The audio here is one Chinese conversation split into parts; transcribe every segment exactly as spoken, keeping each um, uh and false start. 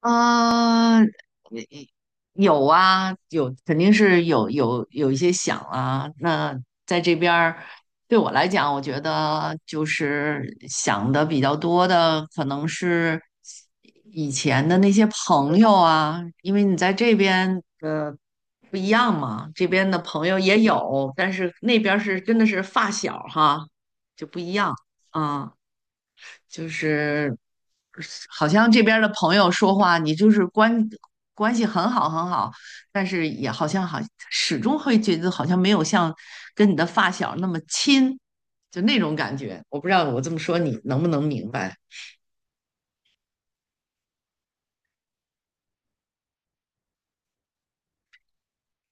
呃，也有啊，有肯定是有有有一些想啊。那在这边儿，对我来讲，我觉得就是想的比较多的，可能是以前的那些朋友啊，因为你在这边呃不一样嘛，这边的朋友也有，但是那边儿是真的是发小哈，就不一样啊。就是好像这边儿的朋友说话，你就是关关系很好很好，但是也好像好始终会觉得好像没有像跟你的发小那么亲，就那种感觉。我不知道我这么说你能不能明白？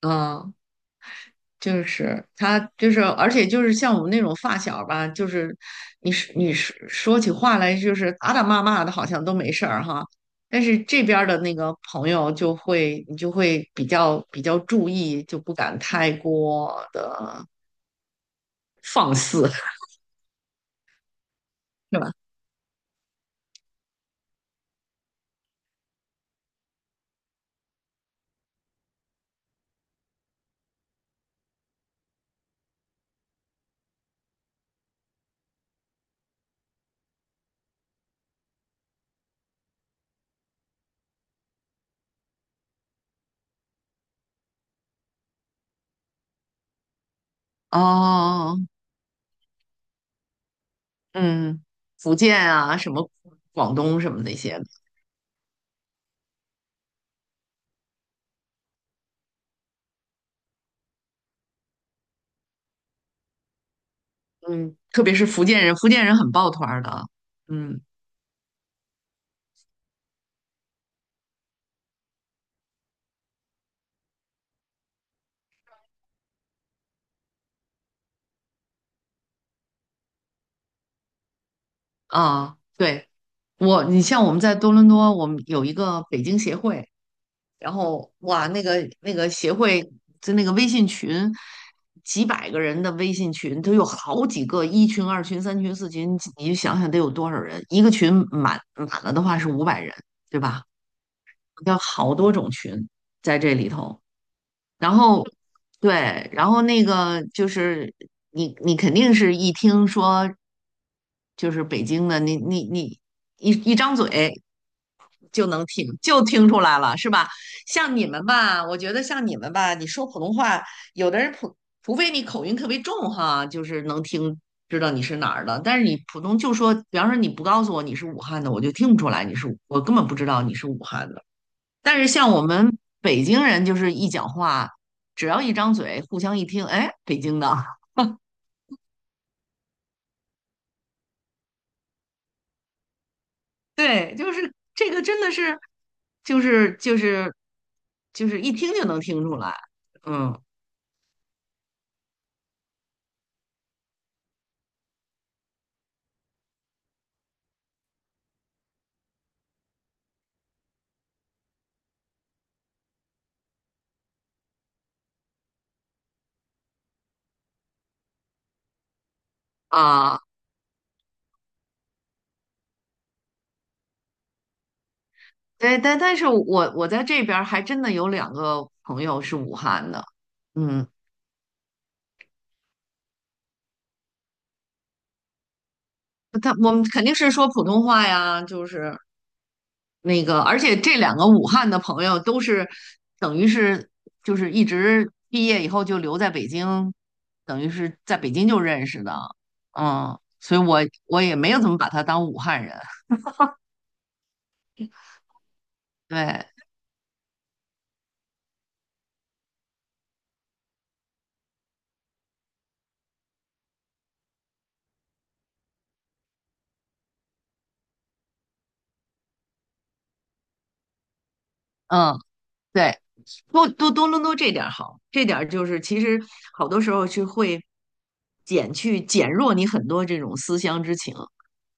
嗯就是他，就是而且就是像我们那种发小吧，就是你是你是说起话来就是打打骂骂的，好像都没事儿哈。但是这边儿的那个朋友就会，你就会比较比较注意，就不敢太过的放肆，是吧？哦，嗯，福建啊，什么广东什么那些的嗯，特别是福建人，福建人很抱团儿的，嗯啊。对。我，你像我们在多伦多，我们有一个北京协会，然后哇，那个那个协会就那个微信群，几百个人的微信群，都有好几个一群、二群、三群、四群，你就想想得有多少人？一个群满满了的话是五百人，对吧？有好多种群在这里头，然后对，然后那个就是你你肯定是一听说就是北京的，你你你一一张嘴。就能听就听出来了，是吧？像你们吧，我觉得像你们吧，你说普通话，有的人普除非你口音特别重哈，就是能听知道你是哪儿的，但是你普通就说，比方说你不告诉我你是武汉的，我就听不出来你是，我根本不知道你是武汉的。但是像我们北京人，就是一讲话，只要一张嘴，互相一听，哎，北京的，对，就是这个真的是，就是就是就是一听就能听出来，嗯啊。对，但但是我我在这边儿还真的有两个朋友是武汉的，嗯，他我们肯定是说普通话呀，就是那个，而且这两个武汉的朋友都是等于是就是一直毕业以后就留在北京，等于是在北京就认识的，嗯，所以我我也没有怎么把他当武汉人，对，嗯，对。多多多伦多这点儿好，这点儿就是其实好多时候去会减去减弱你很多这种思乡之情，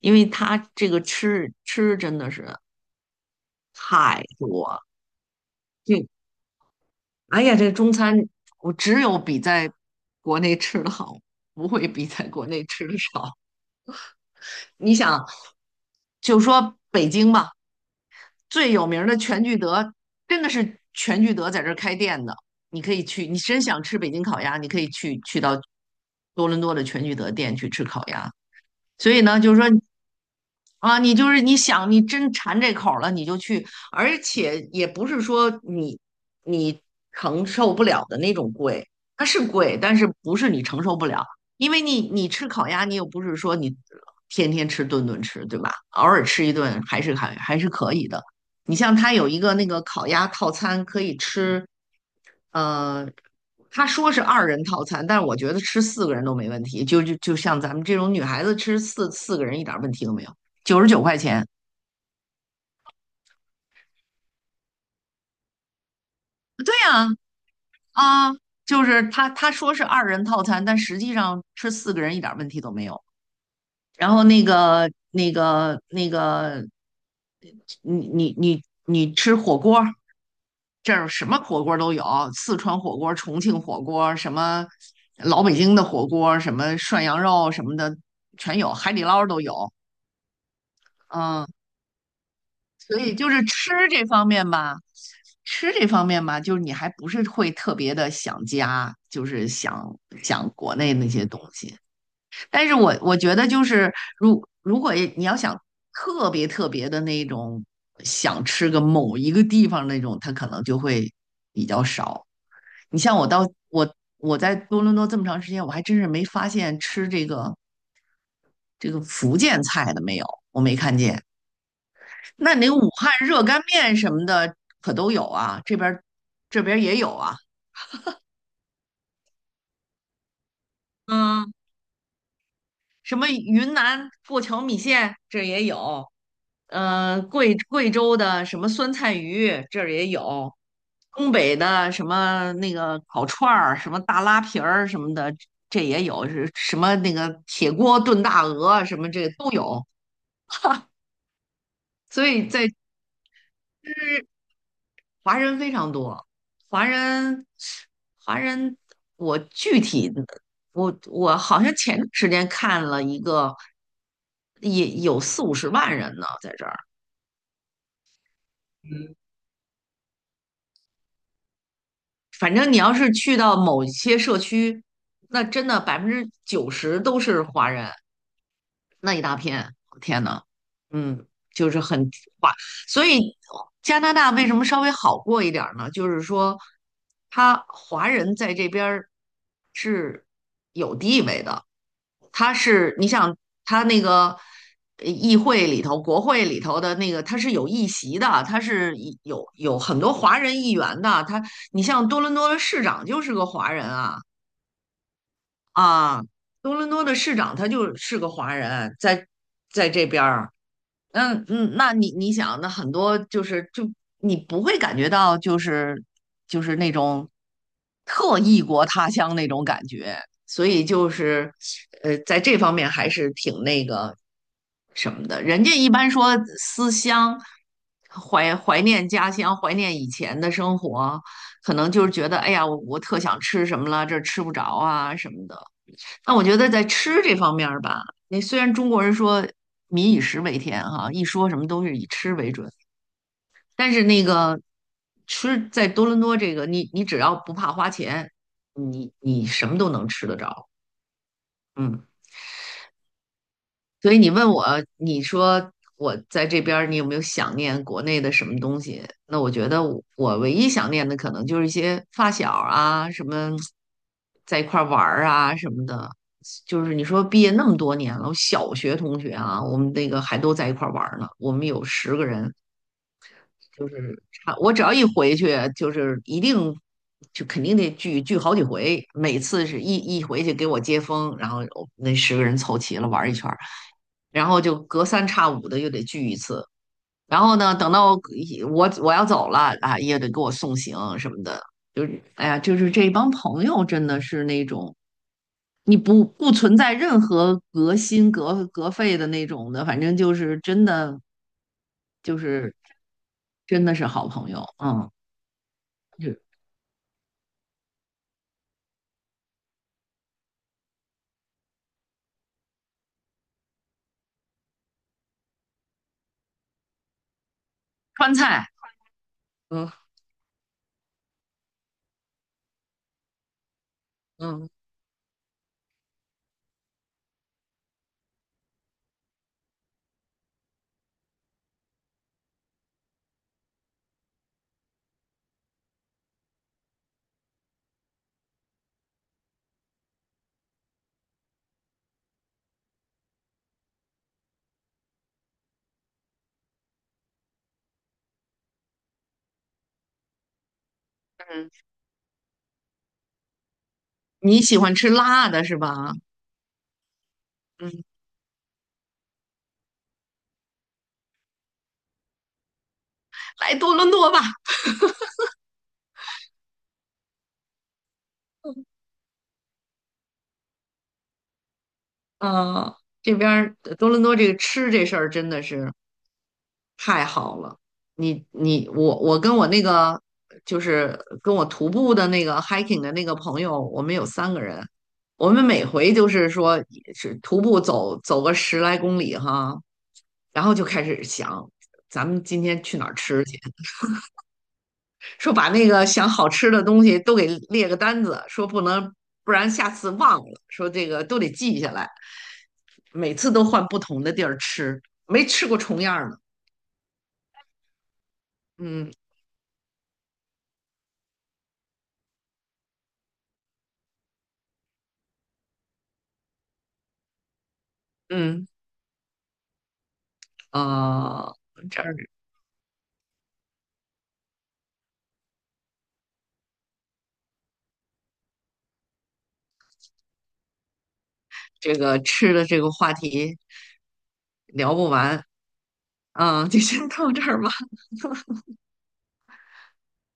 因为他这个吃吃真的是太多，这哎呀这个中餐我只有比在国内吃的好，不会比在国内吃的少。你想，就说北京吧，最有名的全聚德，真的是全聚德在这儿开店的。你可以去，你真想吃北京烤鸭，你可以去去到多伦多的全聚德店去吃烤鸭。所以呢，就是说啊，你就是你想你真馋这口儿了，你就去，而且也不是说你你承受不了的那种贵，它是贵，但是不是你承受不了，因为你你吃烤鸭，你又不是说你天天吃顿顿吃，对吧？偶尔吃一顿还是还还是可以的。你像它有一个那个烤鸭套餐，可以吃呃，他说是二人套餐，但是我觉得吃四个人都没问题。就就就像咱们这种女孩子吃四四个人一点问题都没有，九十九块钱。对呀，啊，就是他他说是二人套餐，但实际上吃四个人一点问题都没有。然后那个那个那个，你你你你吃火锅儿，这儿什么火锅都有，四川火锅、重庆火锅，什么老北京的火锅，什么涮羊肉什么的全有，海底捞都有。嗯，所以就是吃这方面吧，吃这方面吧，就是你还不是会特别的想家，就是想想国内那些东西。但是我我觉得就是，如如果你要想特别特别的那种想吃个某一个地方那种，它可能就会比较少。你像我到我我在多伦多这么长时间，我还真是没发现吃这个这个福建菜的没有，我没看见。那你那个武汉热干面什么的可都有啊，这边儿这边儿也有啊，嗯，什么云南过桥米线这也有，呃，贵贵州的什么酸菜鱼这儿也有，东北的什么那个烤串儿、什么大拉皮儿什么的，这也有，是什么那个铁锅炖大鹅什么这都有，所以在华人非常多，华人，华人，我具体的，我我好像前段时间看了一个，也有四五十万人呢，在这儿。反正你要是去到某些社区，那真的百分之九十都是华人，那一大片，天呐，嗯，就是很划。所以加拿大为什么稍微好过一点儿呢？就是说，他华人在这边儿是有地位的，他是你想他那个呃议会里头、国会里头的那个，他是有议席的，他是有有很多华人议员的。他，你像多伦多的市长就是个华人啊。啊，多伦多的市长他就是个华人，在在这边儿，嗯嗯，那你你想，那很多就是就你不会感觉到就是就是那种特异国他乡那种感觉，所以就是呃，在这方面还是挺那个什么的。人家一般说思乡，怀怀念家乡，怀念以前的生活，可能就是觉得哎呀，我我特想吃什么了，这儿吃不着啊什么的。那我觉得在吃这方面儿吧，那虽然中国人说民以食为天哈，一说什么都是以吃为准，但是那个吃在多伦多这个，你你只要不怕花钱，你你什么都能吃得着。嗯，所以你问我，你说我在这边儿，你有没有想念国内的什么东西？那我觉得我我唯一想念的可能就是一些发小啊，什么在一块儿玩儿啊什么的。就是你说毕业那么多年了，我小学同学啊，我们那个还都在一块儿玩儿呢。我们有十个人，就是差我只要一回去，就是一定就肯定得聚聚好几回。每次是一一回去给我接风，然后我那十个人凑齐了玩儿一圈。然后就隔三差五的又得聚一次。然后呢，等到我我要走了啊，也得给我送行什么的。就是哎呀，就是这帮朋友真的是那种，你不不存在任何隔心隔隔肺的那种的，反正就是真的就是真的是好朋友。嗯，就是川菜，嗯嗯嗯，你喜欢吃辣的是吧？嗯，来多伦多吧。啊，这边儿多伦多这个吃这事儿真的是太好了。你你我我跟我那个就是跟我徒步的那个 hiking 的那个朋友，我们有三个人，我们每回就是说是徒步走走个十来公里哈，然后就开始想咱们今天去哪儿吃去，说把那个想好吃的东西都给列个单子，说不能不然下次忘了，说这个都得记下来。每次都换不同的地儿吃，没吃过重样儿的。嗯嗯，呃，这儿这个吃的这个话题聊不完，嗯，就先到这儿吧。